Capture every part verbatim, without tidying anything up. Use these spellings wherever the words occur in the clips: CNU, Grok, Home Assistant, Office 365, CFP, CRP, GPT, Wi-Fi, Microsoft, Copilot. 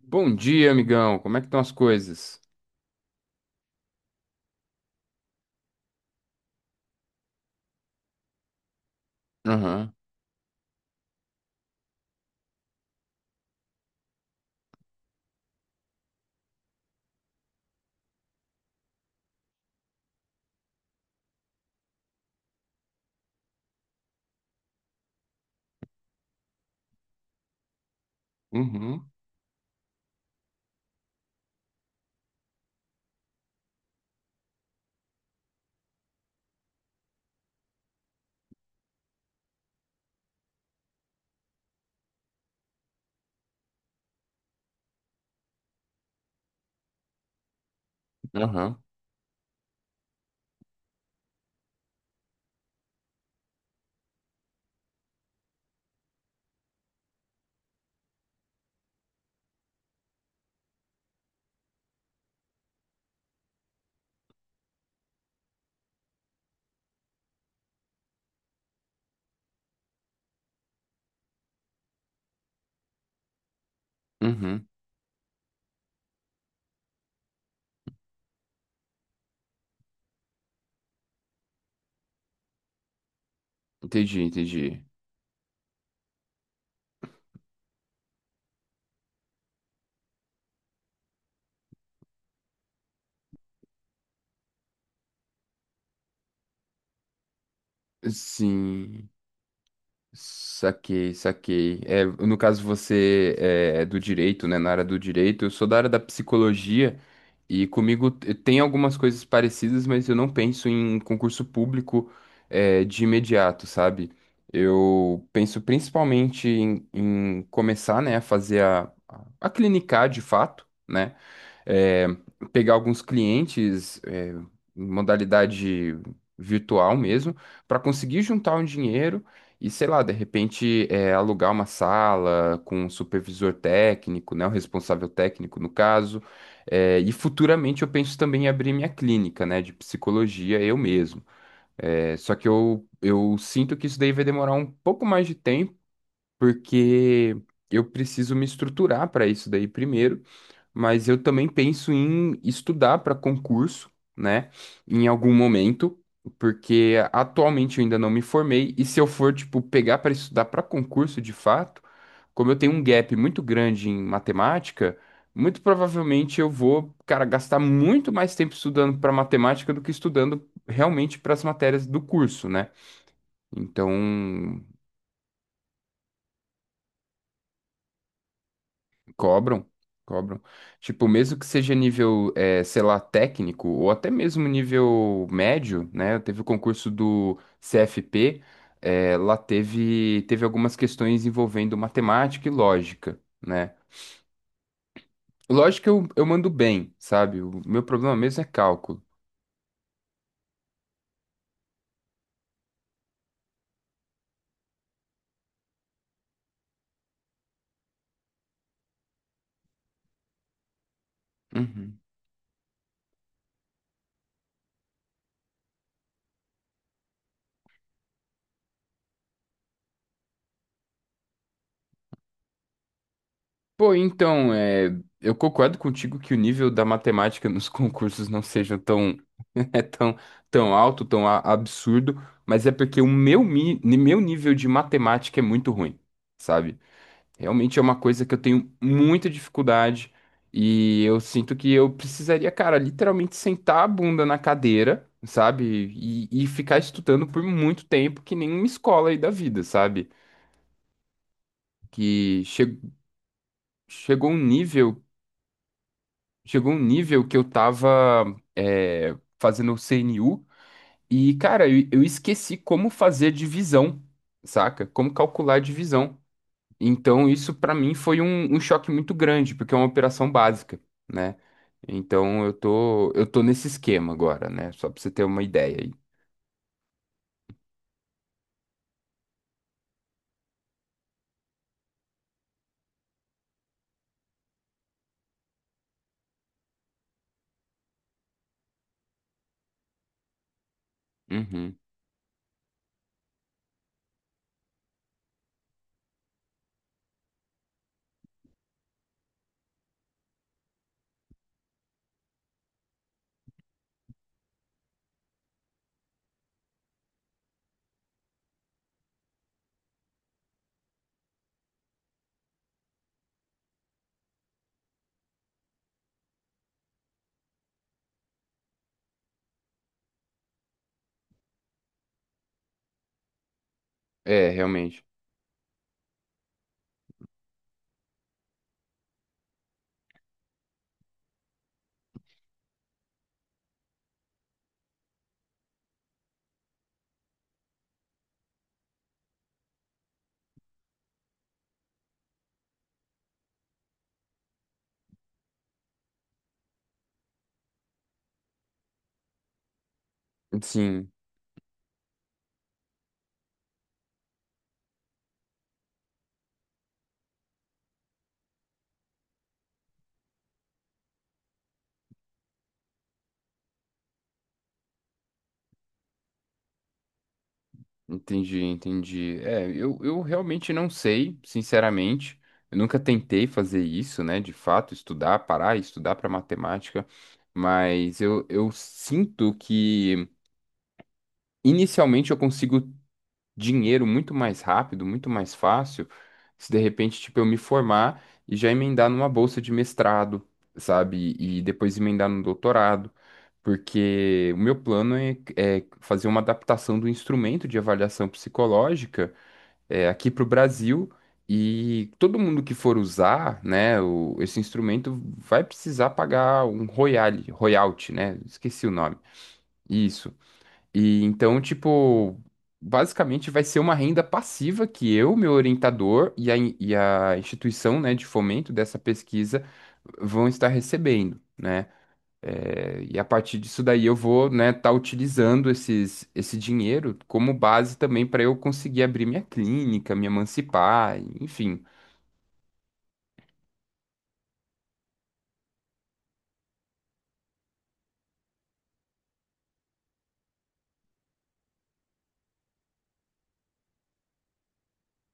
Bom dia, amigão. Como é que estão as coisas? Aham, uhum, aham, uhum. Entendi, entendi. Sim, saquei, saquei. É, no caso, você é é do direito, né? Na área do direito, eu sou da área da psicologia e comigo t- tem algumas coisas parecidas, mas eu não penso em concurso público, é, de imediato, sabe? Eu penso principalmente em, em começar, né, a fazer a, a a clinicar de fato, né? é, pegar alguns clientes, é, em modalidade virtual mesmo, para conseguir juntar um dinheiro e, sei lá, de repente, é, alugar uma sala com um supervisor técnico, né, o responsável técnico no caso. É, e futuramente eu penso também em abrir minha clínica, né, de psicologia eu mesmo. É, só que eu, eu sinto que isso daí vai demorar um pouco mais de tempo, porque eu preciso me estruturar para isso daí primeiro, mas eu também penso em estudar para concurso, né, em algum momento, porque atualmente eu ainda não me formei, e se eu for, tipo, pegar para estudar para concurso de fato, como eu tenho um gap muito grande em matemática, muito provavelmente eu vou, cara, gastar muito mais tempo estudando para matemática do que estudando realmente para as matérias do curso, né? Então, cobram, cobram. Tipo, mesmo que seja nível, eh, sei lá, técnico, ou até mesmo nível médio, né? Teve o concurso do C F P, eh, lá teve, teve algumas questões envolvendo matemática e lógica, né? Lógica eu, eu mando bem, sabe? O meu problema mesmo é cálculo. Uhum. Pô, então, eh, eu concordo contigo que o nível da matemática nos concursos não seja tão é tão, tão alto, tão a- absurdo, mas é porque o meu, mi- meu nível de matemática é muito ruim, sabe? Realmente é uma coisa que eu tenho muita dificuldade e eu sinto que eu precisaria, cara, literalmente sentar a bunda na cadeira, sabe? E, e ficar estudando por muito tempo, que nem uma escola aí da vida, sabe? Que che- chegou um nível, chegou um nível que eu tava, é, fazendo o C N U. E, cara, eu, eu esqueci como fazer divisão, saca? Como calcular a divisão. Então, isso pra mim foi um, um choque muito grande, porque é uma operação básica, né? Então, eu tô, eu tô nesse esquema agora, né? Só pra você ter uma ideia aí. Uhum. É, realmente. Sim, entendi, entendi. É, eu, eu realmente não sei, sinceramente. Eu nunca tentei fazer isso, né? De fato, estudar, parar, e estudar para matemática. Mas eu, eu sinto que inicialmente eu consigo dinheiro muito mais rápido, muito mais fácil, se de repente, tipo, eu me formar e já emendar numa bolsa de mestrado, sabe? E depois emendar no doutorado, porque o meu plano é, é fazer uma adaptação do instrumento de avaliação psicológica, é, aqui para o Brasil. E todo mundo que for usar, né, o- esse instrumento vai precisar pagar um royale, royalty, né? Esqueci o nome. Isso. E então, tipo, basicamente vai ser uma renda passiva que eu, meu orientador e a, in- e a instituição, né, de fomento dessa pesquisa vão estar recebendo, né? É, e a partir disso daí eu vou, né, estar utilizando esses, esse dinheiro como base também para eu conseguir abrir minha clínica, me emancipar, enfim.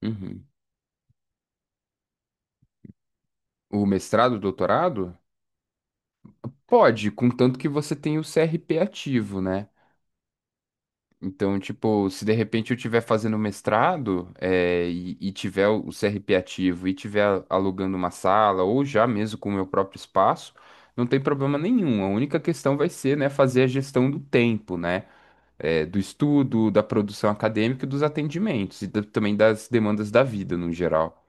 Uhum. O mestrado, doutorado? Pode, contanto que você tenha o C R P ativo, né? Então, tipo, se de repente eu estiver fazendo mestrado, eh, e, e tiver o C R P ativo e tiver alugando uma sala ou já mesmo com o meu próprio espaço, não tem problema nenhum. A única questão vai ser, né, fazer a gestão do tempo, né, eh, do estudo, da produção acadêmica e dos atendimentos e da- também das demandas da vida no geral.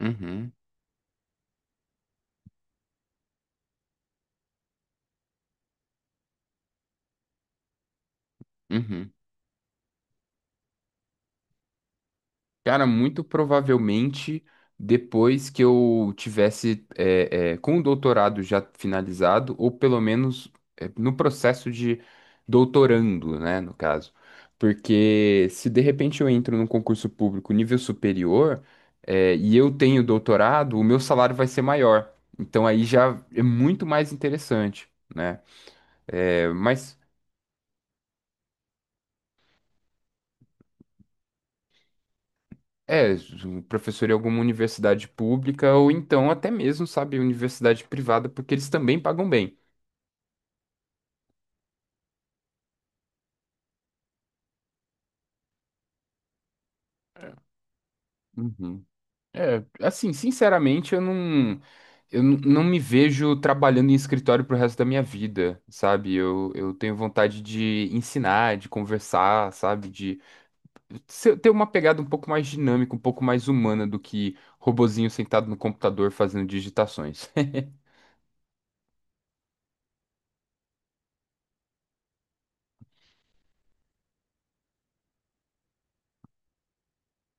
Uhum, uhum. Cara, muito provavelmente depois que eu tivesse é, é, com o doutorado já finalizado, ou pelo menos, é, no processo de doutorando, né, no caso. Porque se de repente eu entro num concurso público nível superior, é, e eu tenho doutorado, o meu salário vai ser maior. Então aí já é muito mais interessante, né? É, mas. É, ju- professor em alguma universidade pública ou então até mesmo, sabe, universidade privada, porque eles também pagam bem. Uhum. É, assim, sinceramente, eu não, eu n- não me vejo trabalhando em escritório pro resto da minha vida, sabe? Eu, eu tenho vontade de ensinar, de conversar, sabe? De ser- ter uma pegada um pouco mais dinâmica, um pouco mais humana do que robozinho sentado no computador fazendo digitações.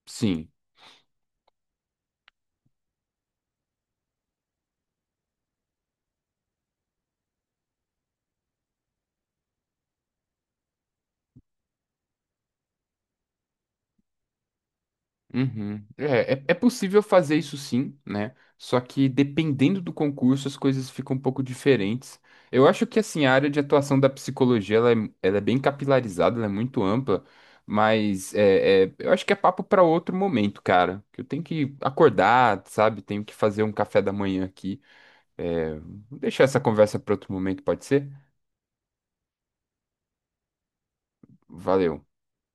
Sim. Uhum. É, é, é possível fazer isso sim, né? Só que dependendo do concurso, as coisas ficam um pouco diferentes. Eu acho que assim, a área de atuação da psicologia ela é, ela é bem capilarizada, ela é muito ampla, mas é, é, eu acho que é papo para outro momento, cara. Que eu tenho que acordar, sabe? Tenho que fazer um café da manhã aqui. É, vou deixar essa conversa para outro momento, pode ser? Valeu.